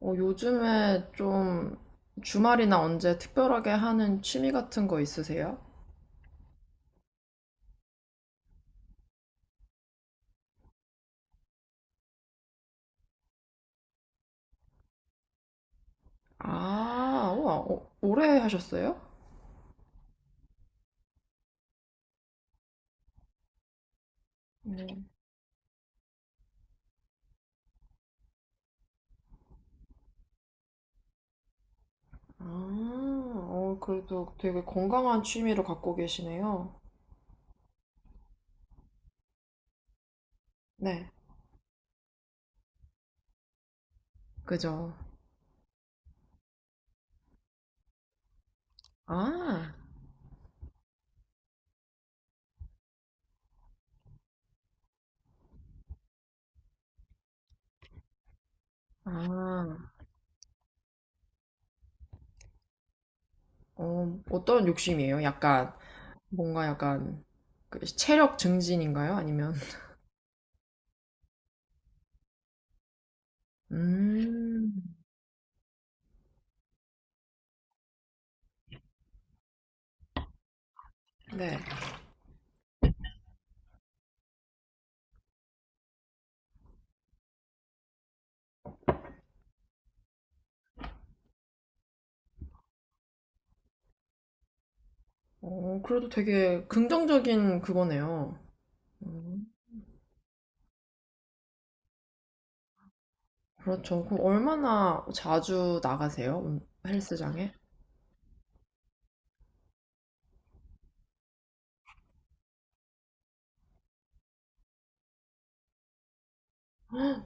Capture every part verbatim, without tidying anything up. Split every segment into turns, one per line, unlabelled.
어, 요즘에 좀 주말이나 언제 특별하게 하는 취미 같은 거 있으세요? 아, 우와, 어, 오래 하셨어요? 네. 아, 어, 그래도 되게 건강한 취미를 갖고 계시네요. 네, 그죠. 아, 아, 어, 어떤 욕심이에요? 약간, 뭔가 약간, 그 체력 증진인가요? 아니면, 음, 네. 어, 그래도 되게 긍정적인 그거네요. 음. 그렇죠. 그럼 얼마나 자주 나가세요? 음, 헬스장에?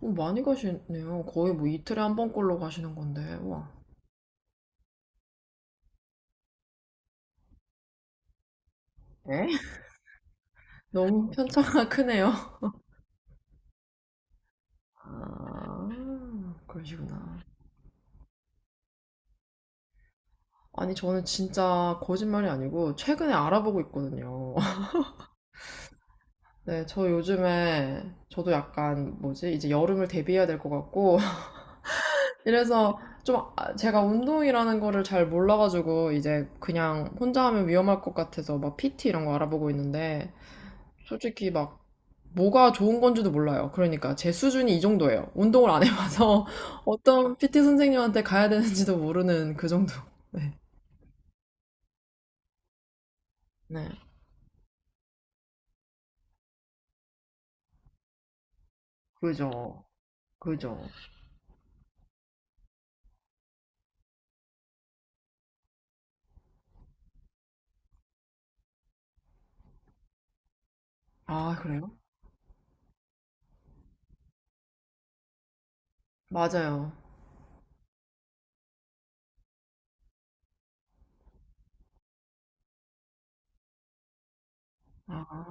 오, 많이 가시네요. 거의 뭐 이틀에 한 번꼴로 가시는 건데, 와. 네? 너무 편차가 크네요. 아, 그러시구나. 아니, 저는 진짜 거짓말이 아니고 최근에 알아보고 있거든요. 네, 저 요즘에 저도 약간 뭐지? 이제 여름을 대비해야 될 것 같고 이래서 좀 아- 제가 운동이라는 거를 잘 몰라가지고 이제 그냥 혼자 하면 위험할 것 같아서 막 피티 이런 거 알아보고 있는데 솔직히 막 뭐가 좋은 건지도 몰라요. 그러니까 제 수준이 이 정도예요. 운동을 안 해봐서 어떤 피티 선생님한테 가야 되는지도 모르는 그 정도. 네. 네. 그죠. 그죠. 아, 그래요? 맞아요. 아,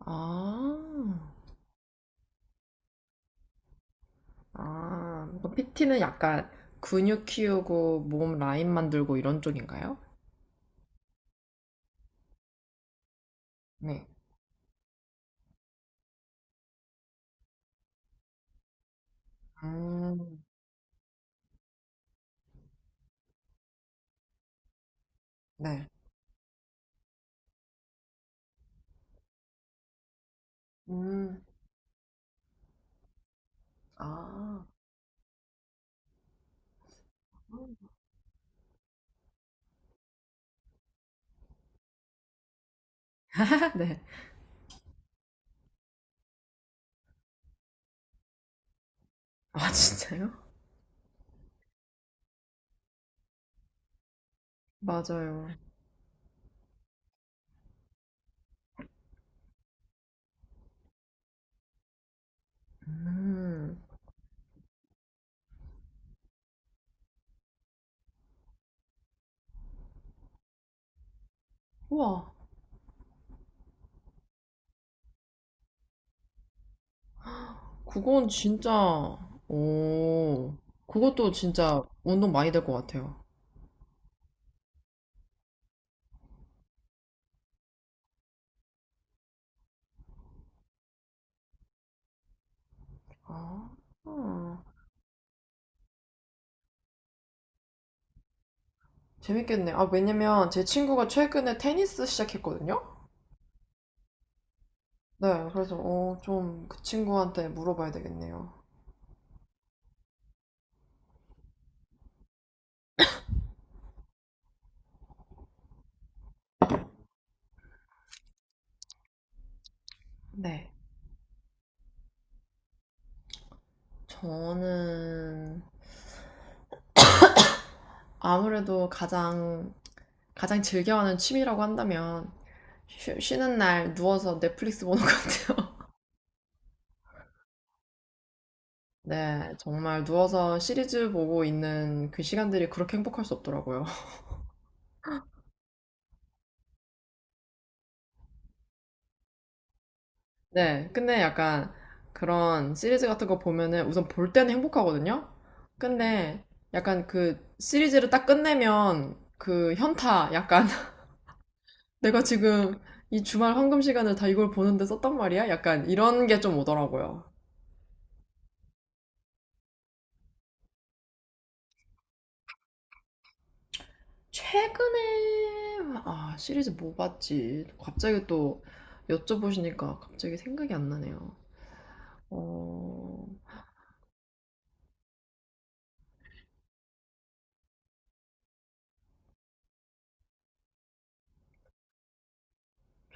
아, 아. 피티는 약간 근육 키우고 몸 라인 만들고 이런 쪽인가요? 네. 음, 네. 음, 아. 네. 아, 진짜요? 맞아요. 음. 우와. 그건 진짜, 오, 그것도 진짜 운동 많이 될 것 같아요. 아, 음, 재밌겠네. 아, 왜냐면 제 친구가 최근에 테니스 시작했거든요? 네, 그래서, 어, 좀 그 친구한테 물어봐야 되겠네요. 네. 저는 아무래도 가장, 가장 즐겨하는 취미라고 한다면, 쉬, 쉬는 날 누워서 넷플릭스 보는 것 같아요. 네, 정말 누워서 시리즈 보고 있는 그 시간들이 그렇게 행복할 수 없더라고요. 네, 근데 약간 그런 시리즈 같은 거 보면은 우선 볼 때는 행복하거든요? 근데 약간 그 시리즈를 딱 끝내면 그 현타, 약간 내가 지금 이 주말 황금 시간을 다 이걸 보는데 썼단 말이야? 약간 이런 게 좀 오더라고요. 최근에, 아, 시리즈 뭐 봤지? 갑자기 또 여쭤보시니까 갑자기 생각이 안 나네요. 어,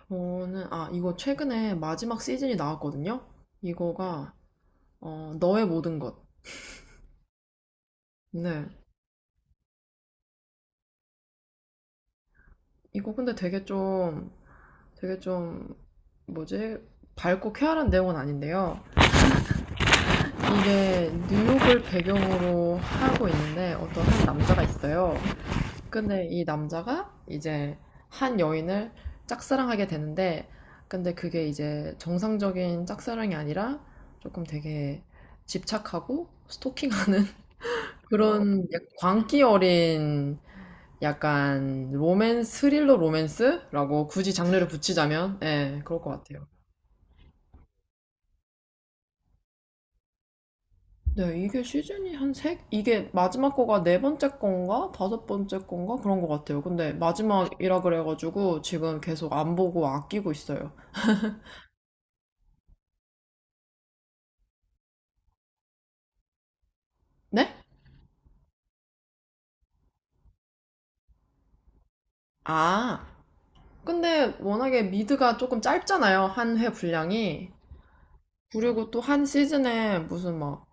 저는, 아, 이거 최근에 마지막 시즌이 나왔거든요? 이거가 어, 너의 모든 것. 네. 이거 근데 되게 좀, 되게 좀, 뭐지? 밝고 쾌활한 내용은 아닌데요. 이게 뉴욕을 배경으로 하고 있는데 어떤 한 남자가 있어요. 근데 이 남자가 이제 한 여인을 짝사랑하게 되는데, 근데 그게 이제 정상적인 짝사랑이 아니라 조금 되게 집착하고 스토킹하는 그런 광기 어린 약간 로맨스, 스릴러 로맨스라고 굳이 장르를 붙이자면 예, 그럴 것 같아요. 네, 이게 시즌이 한 세, 이게 마지막 거가 네 번째 건가? 다섯 번째 건가? 그런 것 같아요. 근데 마지막이라 그래가지고 지금 계속 안 보고 아끼고 있어요. 네? 아, 근데 워낙에 미드가 조금 짧잖아요. 한 회 분량이. 그리고 또 한 시즌에 무슨 막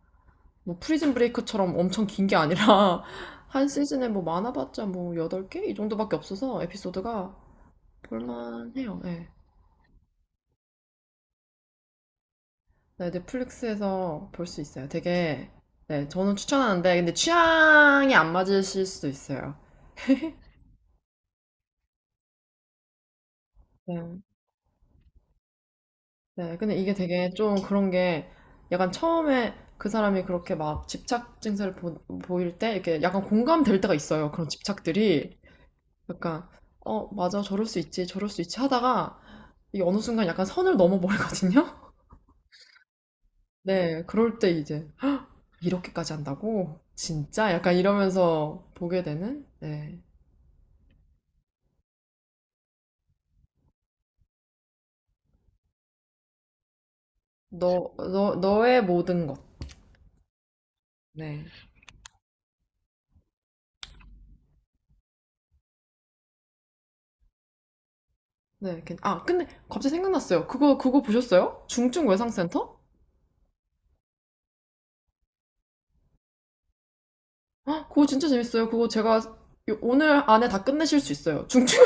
뭐 프리즌 브레이크처럼 엄청 긴 게 아니라 한 시즌에 뭐 많아봤자 뭐 여덟 개? 이 정도밖에 없어서 에피소드가 볼만해요. 네. 네, 넷플릭스에서 볼 수 있어요. 되게 네, 저는 추천하는데 근데 취향이 안 맞으실 수도 있어요. 네. 네, 근데 이게 되게 좀 그런 게 약간 처음에 그 사람이 그렇게 막 집착 증세를 보, 보일 때 이렇게 약간 공감될 때가 있어요. 그런 집착들이. 약간 어 맞아 저럴 수 있지 저럴 수 있지 하다가 이 어느 순간 약간 선을 넘어버리거든요. 네, 그럴 때 이제 이렇게까지 한다고? 진짜? 약간 이러면서 보게 되는? 네. 너, 너, 너의 모든 것. 네. 네. 괜- 아, 근데 갑자기 생각났어요. 그거, 그거 보셨어요? 중증 외상센터? 아, 그거 진짜 재밌어요. 그거 제가 요- 오늘 안에 다 끝내실 수 있어요. 중증.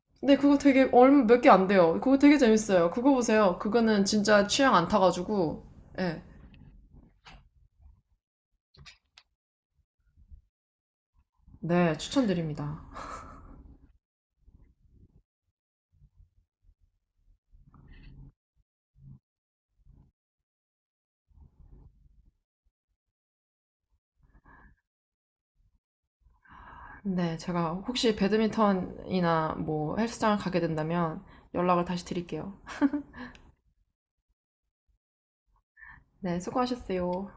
네, 그거 되게 얼마 몇 개 안 돼요. 그거 되게 재밌어요. 그거 보세요. 그거는 진짜 취향 안 타가지고. 예. 네, 추천드립니다. 네, 제가 혹시 배드민턴이나 뭐 헬스장을 가게 된다면 연락을 다시 드릴게요. 네, 수고하셨어요.